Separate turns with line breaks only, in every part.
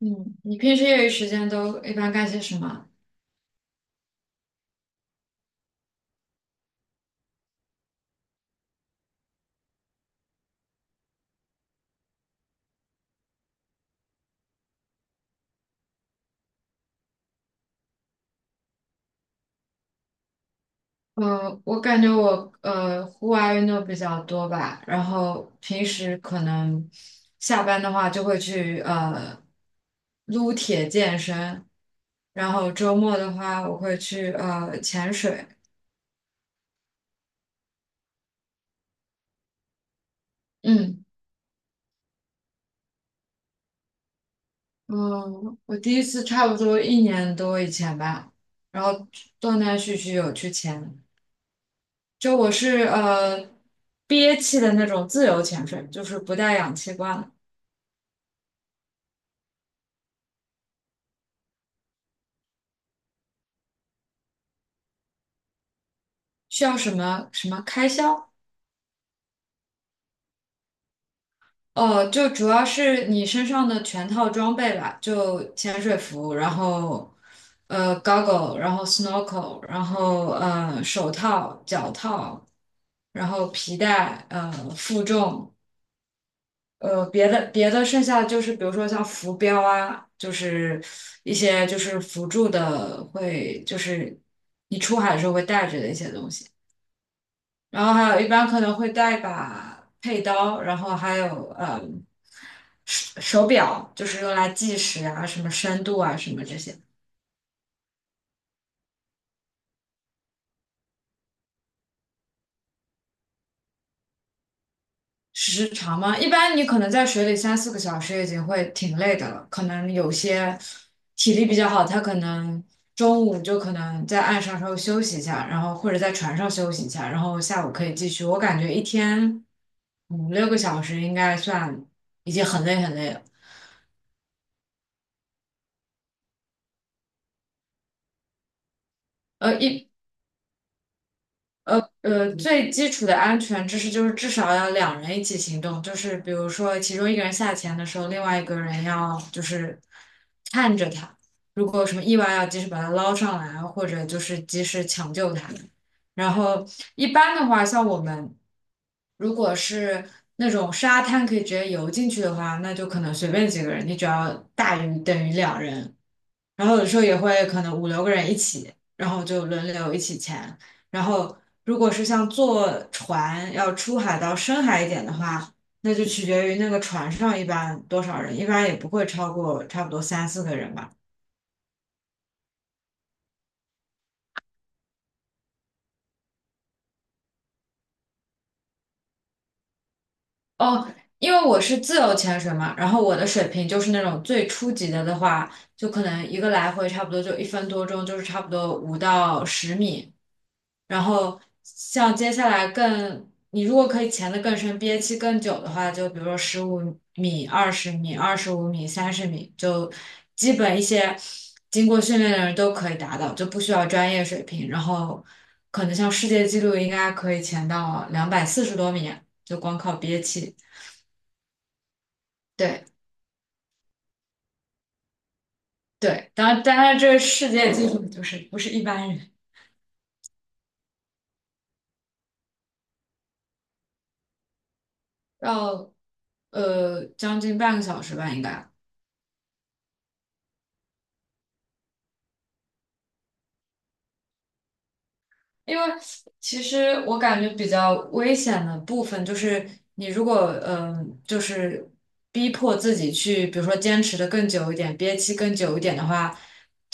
嗯，你平时业余时间都一般干些什么？我感觉我户外运动比较多吧，然后平时可能下班的话就会去撸铁健身，然后周末的话我会去潜水。嗯嗯，我第一次差不多一年多以前吧，然后断断续续有去潜，就我是憋气的那种自由潜水，就是不带氧气罐。需要什么开销？哦，就主要是你身上的全套装备吧，就潜水服，然后goggle，然后 snorkel，然后手套、脚套，然后皮带，负重，别的剩下的就是比如说像浮标啊，就是一些就是辅助的会就是你出海的时候会带着的一些东西。然后还有一般可能会带一把佩刀，然后还有手表，就是用来计时啊、什么深度啊、什么这些时长嘛。一般你可能在水里三四个小时已经会挺累的了，可能有些体力比较好，他可能中午就可能在岸上稍微休息一下，然后或者在船上休息一下，然后下午可以继续。我感觉一天五六个小时应该算已经很累很累了。呃，一最基础的安全知识就是至少要两人一起行动，就是比如说其中一个人下潜的时候，另外一个人要就是看着他，如果有什么意外要及时把他捞上来，或者就是及时抢救他。然后一般的话，像我们如果是那种沙滩可以直接游进去的话，那就可能随便几个人，你只要大于等于两人。然后有时候也会可能五六个人一起，然后就轮流一起潜。然后如果是像坐船要出海到深海一点的话，那就取决于那个船上一般多少人，一般也不会超过差不多三四个人吧。哦，因为我是自由潜水嘛，然后我的水平就是那种最初级的的话，就可能一个来回差不多就一分多钟，就是差不多5到10米。然后像接下来更，你如果可以潜得更深，憋气更久的话，就比如说十五米、20米、25米、30米，就基本一些经过训练的人都可以达到，就不需要专业水平。然后可能像世界纪录应该可以潜到240多米，就光靠憋气。对对，当然，当然这世界纪录就是不是一般人，要将近半个小时吧，应该。因为其实我感觉比较危险的部分就是，你如果就是逼迫自己去，比如说坚持的更久一点，憋气更久一点的话，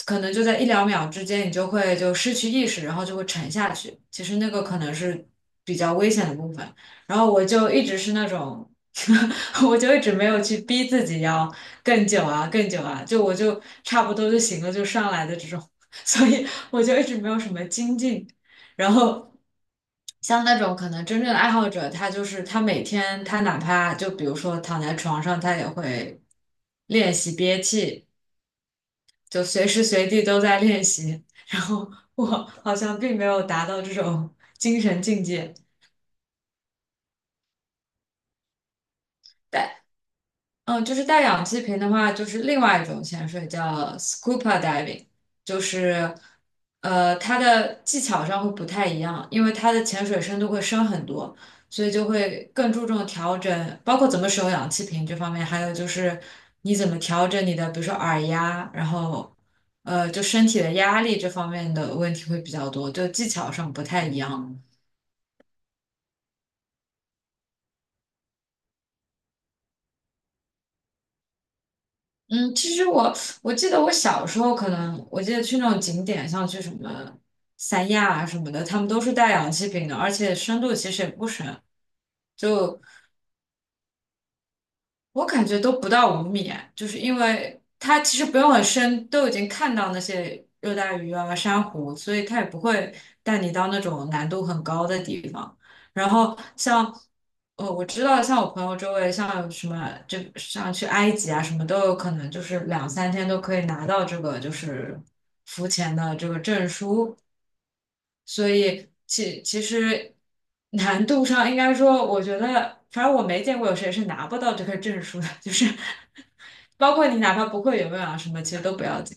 可能就在一两秒之间，你就会就失去意识，然后就会沉下去。其实那个可能是比较危险的部分。然后我就一直是那种，我就一直没有去逼自己要更久啊，更久啊，就我就差不多就行了，就上来的这种，所以我就一直没有什么精进。然后像那种可能真正的爱好者，他就是他每天他哪怕就比如说躺在床上，他也会练习憋气，就随时随地都在练习。然后我好像并没有达到这种精神境界。嗯，就是带氧气瓶的话，就是另外一种潜水叫 scuba diving，就是它的技巧上会不太一样，因为它的潜水深度会深很多，所以就会更注重调整，包括怎么使用氧气瓶这方面，还有就是你怎么调整你的，比如说耳压，然后就身体的压力这方面的问题会比较多，就技巧上不太一样。嗯，其实我记得我小时候可能，我记得去那种景点，像去什么三亚啊什么的，他们都是带氧气瓶的，而且深度其实也不深，就我感觉都不到五米，就是因为它其实不用很深，都已经看到那些热带鱼啊、珊瑚，所以它也不会带你到那种难度很高的地方。然后像，我知道像我朋友周围，像有什么就像去埃及啊，什么都有可能，就是两三天都可以拿到这个就是浮潜的这个证书。所以其实难度上应该说，我觉得反正我没见过有谁是拿不到这个证书的，就是 包括你哪怕不会游泳啊什么，其实都不要紧。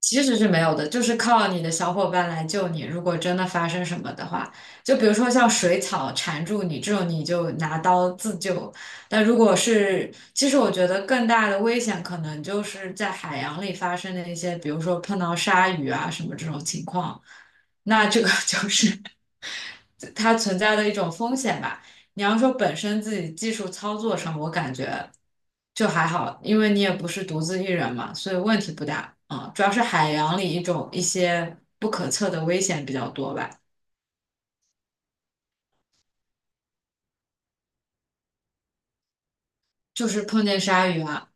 其实是没有的，就是靠你的小伙伴来救你。如果真的发生什么的话，就比如说像水草缠住你这种，你就拿刀自救。但如果是，其实我觉得更大的危险可能就是在海洋里发生的一些，比如说碰到鲨鱼啊什么这种情况，那这个 就是它存在的一种风险吧。你要说本身自己技术操作上，我感觉就还好，因为你也不是独自一人嘛，所以问题不大。啊。主要是海洋里一些不可测的危险比较多吧，就是碰见鲨鱼啊。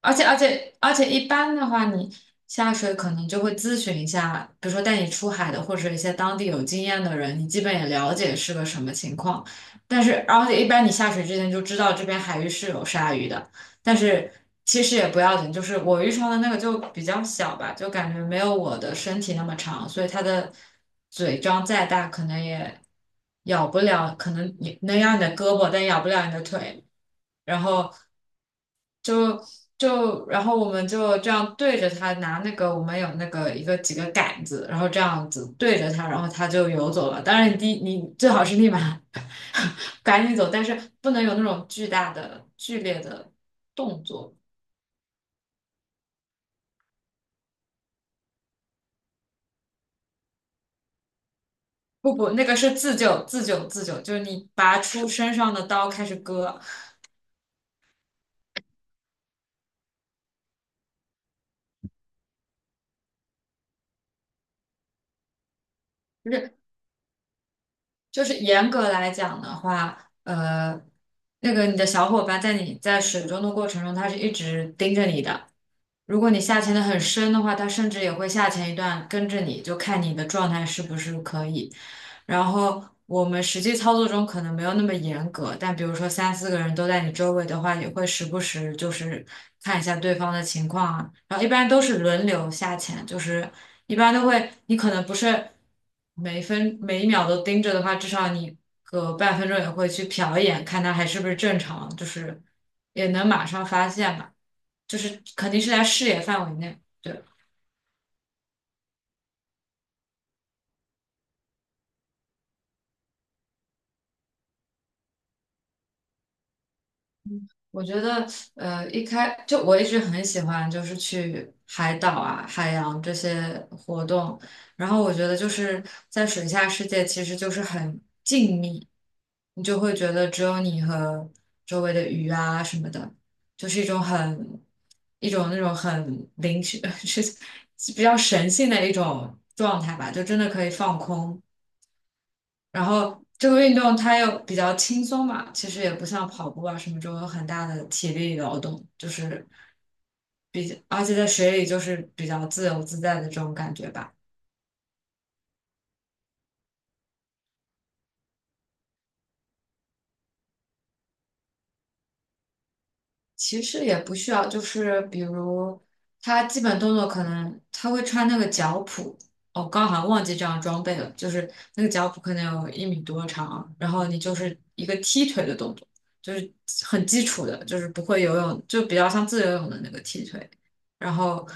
而且一般的话，你下水可能就会咨询一下，比如说带你出海的或者一些当地有经验的人，你基本也了解是个什么情况。但是而且一般你下水之前就知道这边海域是有鲨鱼的，但是其实也不要紧，就是我遇上的那个就比较小吧，就感觉没有我的身体那么长，所以它的嘴张再大可能也咬不了，可能你能咬你的胳膊，但咬不了你的腿。然后就就然后我们就这样对着它拿那个我们有那个一个几个杆子，然后这样子对着它，然后它就游走了。当然你最好是立马 赶紧走，但是不能有那种巨大的剧烈的动作。不不，那个是自救，自救，自救，就是你拔出身上的刀开始割，就是就是严格来讲的话，那个你的小伙伴在你在水中的过程中，他是一直盯着你的。如果你下潜的很深的话，他甚至也会下潜一段跟着你，就看你的状态是不是可以。然后我们实际操作中可能没有那么严格，但比如说三四个人都在你周围的话，也会时不时就是看一下对方的情况啊。然后一般都是轮流下潜，就是一般都会，你可能不是每一分每一秒都盯着的话，至少你隔半分钟也会去瞟一眼，看他还是不是正常，就是也能马上发现吧。就是肯定是在视野范围内。对，我觉得，就我一直很喜欢，就是去海岛啊、海洋这些活动。然后我觉得就是在水下世界，其实就是很静谧，你就会觉得只有你和周围的鱼啊什么的，就是一种那种很灵性，是比较神性的一种状态吧，就真的可以放空。然后这个运动它又比较轻松嘛，其实也不像跑步啊什么这种有很大的体力劳动，就是比较，而且在水里就是比较自由自在的这种感觉吧。其实也不需要，就是比如他基本动作可能他会穿那个脚蹼，哦，刚好像忘记这样装备了，就是那个脚蹼可能有1米多长，然后你就是一个踢腿的动作，就是很基础的，就是不会游泳，就比较像自由泳的那个踢腿，然后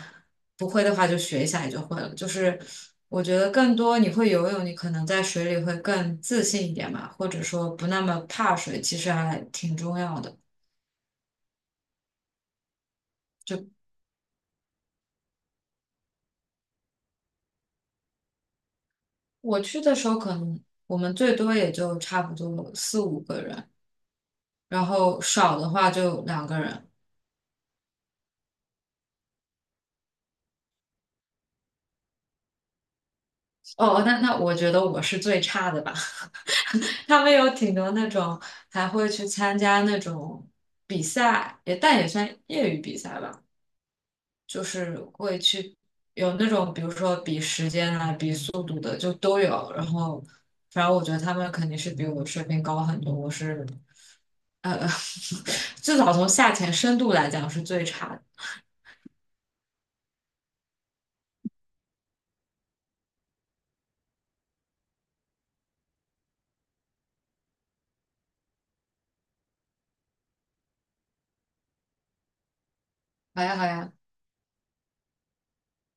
不会的话就学一下也就会了，就是我觉得更多你会游泳，你可能在水里会更自信一点嘛，或者说不那么怕水，其实还挺重要的。就我去的时候，可能我们最多也就差不多四五个人，然后少的话就两个人。哦，那那我觉得我是最差的吧。他们有挺多那种还会去参加那种比赛，也但也算业余比赛吧，就是会去有那种比如说比时间啊、比速度的就都有。然后，反正我觉得他们肯定是比我水平高很多。我是呃 至少从下潜深度来讲是最差的。好啊，好啊。